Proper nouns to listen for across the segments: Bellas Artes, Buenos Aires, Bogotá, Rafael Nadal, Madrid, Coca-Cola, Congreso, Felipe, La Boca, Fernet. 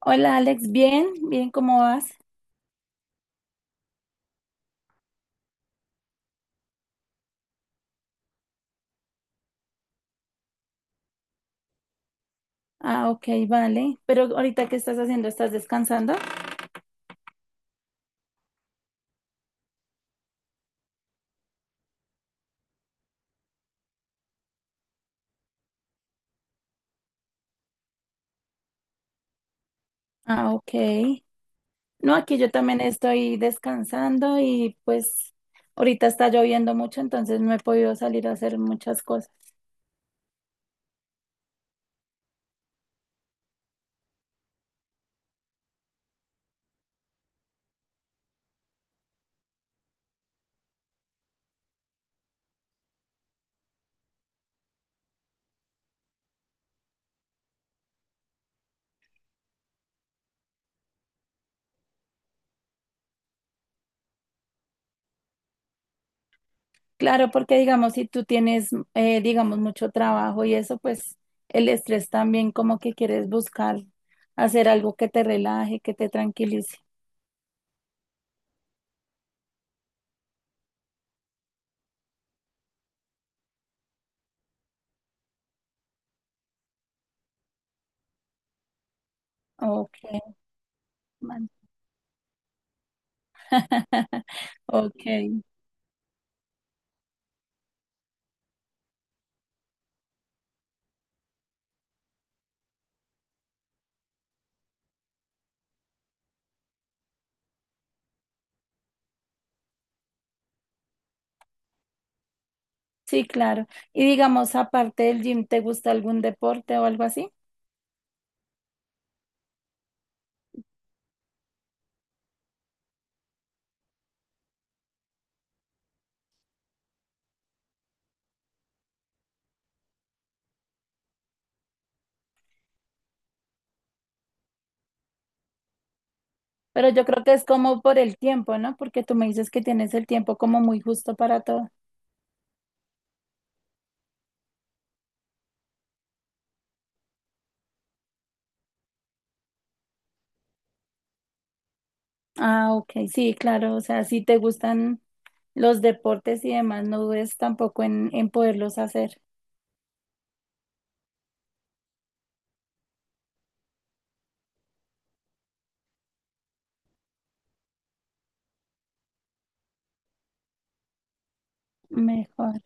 Hola Alex, bien, bien, ¿cómo vas? Ah, ok, vale. Pero ahorita, ¿qué estás haciendo? ¿Estás descansando? Ah, ok. No, aquí yo también estoy descansando y pues ahorita está lloviendo mucho, entonces no he podido salir a hacer muchas cosas. Claro, porque digamos, si tú tienes, digamos, mucho trabajo y eso, pues el estrés también como que quieres buscar hacer algo que te relaje, que te tranquilice. Ok, man. Ok. Sí, claro. Y digamos, aparte del gym, ¿te gusta algún deporte o algo así? Pero yo creo que es como por el tiempo, ¿no? Porque tú me dices que tienes el tiempo como muy justo para todo. Ah, ok, sí, claro. O sea, si te gustan los deportes y demás, no dudes tampoco en poderlos hacer mejor.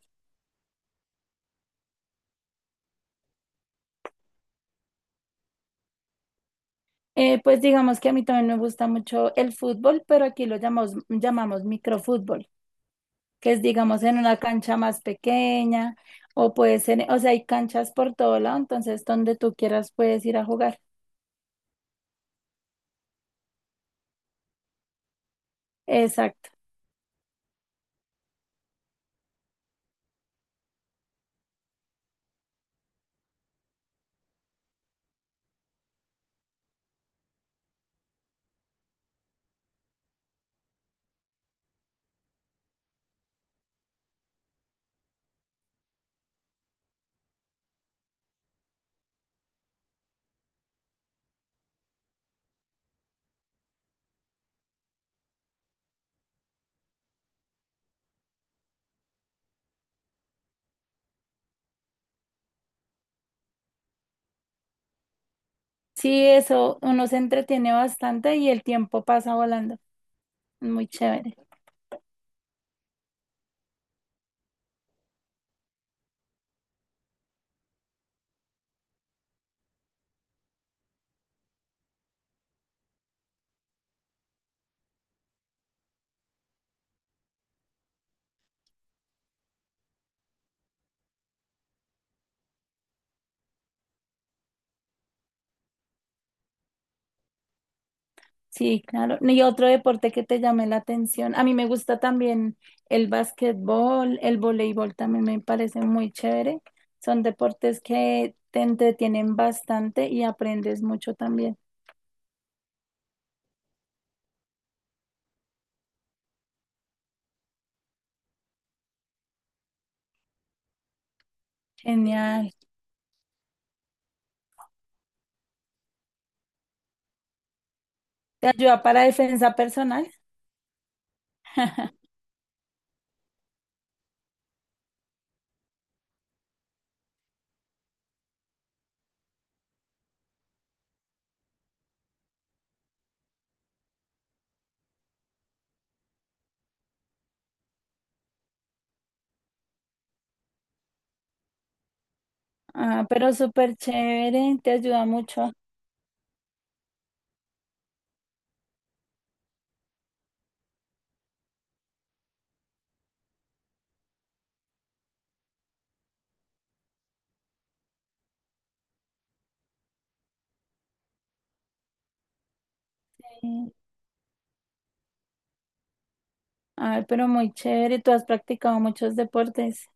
Pues digamos que a mí también me gusta mucho el fútbol, pero aquí lo llamamos, llamamos microfútbol. Que es, digamos, en una cancha más pequeña, o puede ser, o sea, hay canchas por todo lado, entonces donde tú quieras puedes ir a jugar. Exacto. Sí, eso, uno se entretiene bastante y el tiempo pasa volando. Muy chévere. Sí, claro. Y otro deporte que te llame la atención. A mí me gusta también el básquetbol, el voleibol también me parece muy chévere. Son deportes que te entretienen bastante y aprendes mucho también. Genial. ¿Te ayuda para defensa personal? Ah, pero súper chévere, te ayuda mucho. Ay, ay, pero muy chévere, tú has practicado muchos deportes.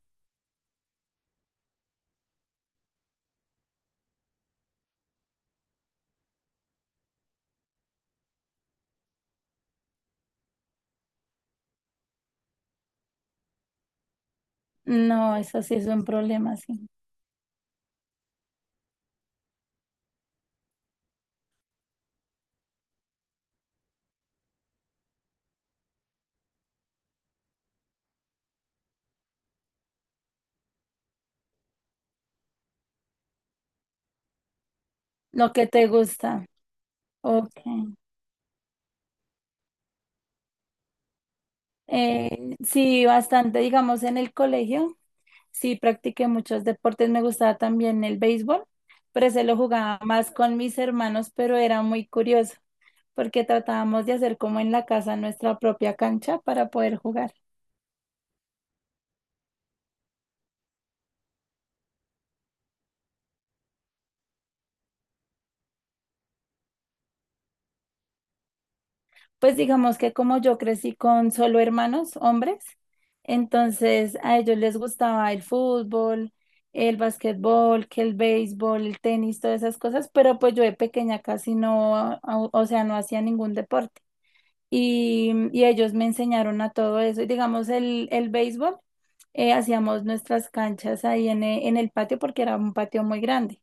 No, eso sí es un problema, sí. Lo que te gusta. Ok. Sí, bastante, digamos, en el colegio, sí practiqué muchos deportes. Me gustaba también el béisbol, pero se lo jugaba más con mis hermanos, pero era muy curioso porque tratábamos de hacer como en la casa nuestra propia cancha para poder jugar. Pues digamos que como yo crecí con solo hermanos, hombres, entonces a ellos les gustaba el fútbol, el basquetbol, que el béisbol, el tenis, todas esas cosas, pero pues yo de pequeña casi no, o sea, no hacía ningún deporte. Y ellos me enseñaron a todo eso. Y digamos el béisbol, hacíamos nuestras canchas ahí en, en el patio porque era un patio muy grande.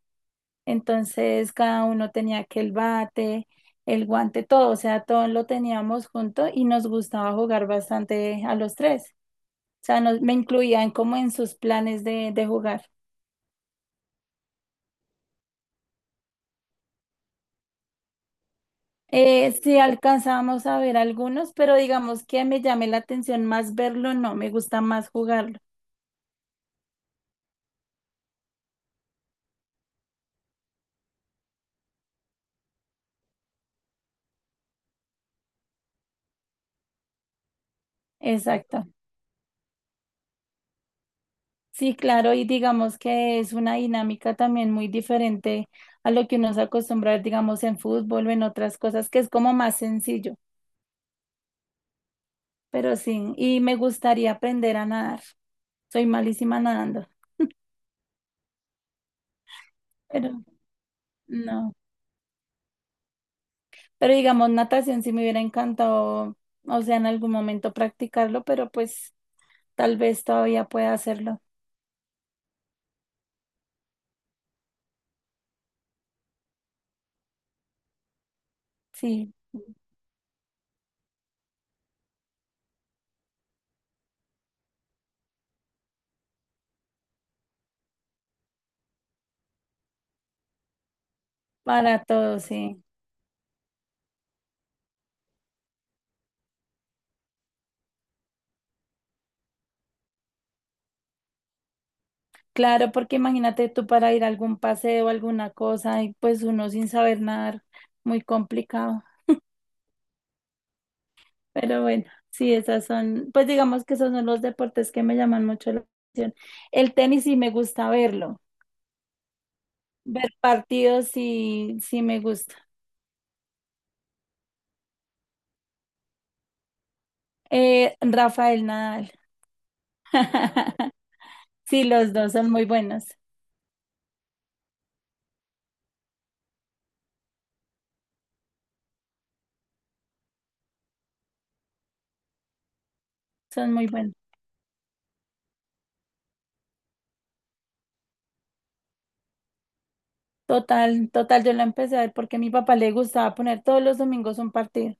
Entonces cada uno tenía que el bate, el guante, todo, o sea, todo lo teníamos junto y nos gustaba jugar bastante a los tres. O sea, nos- me incluían como en sus planes de jugar. Sí alcanzábamos a ver algunos, pero digamos que me llame la atención más verlo, no, me gusta más jugarlo. Exacto. Sí, claro, y digamos que es una dinámica también muy diferente a lo que uno se acostumbra, digamos, en fútbol o en otras cosas, que es como más sencillo. Pero sí, y me gustaría aprender a nadar. Soy malísima nadando, pero no. Pero digamos, natación sí me hubiera encantado, o sea, en algún momento practicarlo, pero pues tal vez todavía pueda hacerlo. Sí, para todo, sí. Claro, porque imagínate tú para ir a algún paseo, alguna cosa, y pues uno sin saber nadar, muy complicado. Pero bueno, sí, esas son, pues digamos que esos son los deportes que me llaman mucho la atención. El tenis sí me gusta verlo. Ver partidos sí, sí me gusta. Rafael Nadal. Sí, los dos son muy buenos, son muy buenos. Total, total, yo la empecé a ver porque a mi papá le gustaba poner todos los domingos un partido.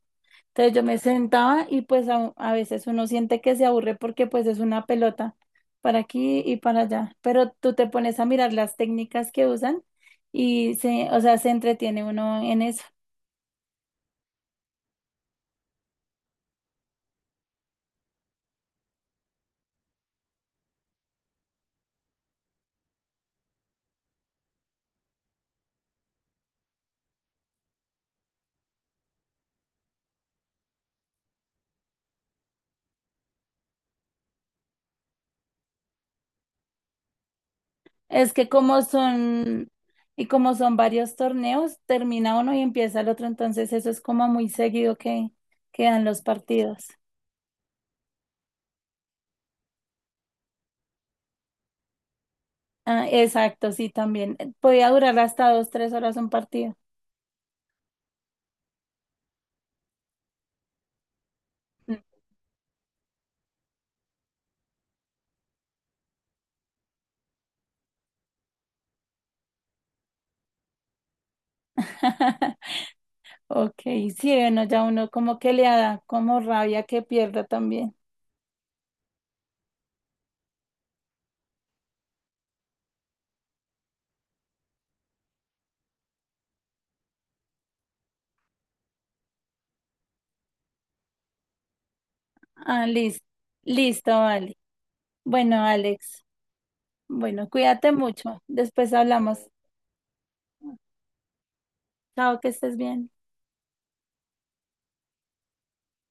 Entonces yo me sentaba y pues a veces uno siente que se aburre porque pues es una pelota para aquí y para allá. Pero tú te pones a mirar las técnicas que usan y se, o sea, se entretiene uno en eso. Es que como son, y como son varios torneos, termina uno y empieza el otro, entonces eso es como muy seguido que quedan los partidos. Ah, exacto, sí, también. Podía durar hasta 2, 3 horas un partido. Mm. Ok, sí, bueno, ya uno como que le da como rabia que pierda también. Ah, listo, listo, vale. Bueno, Alex, bueno, cuídate mucho. Después hablamos. Chao, que estés bien.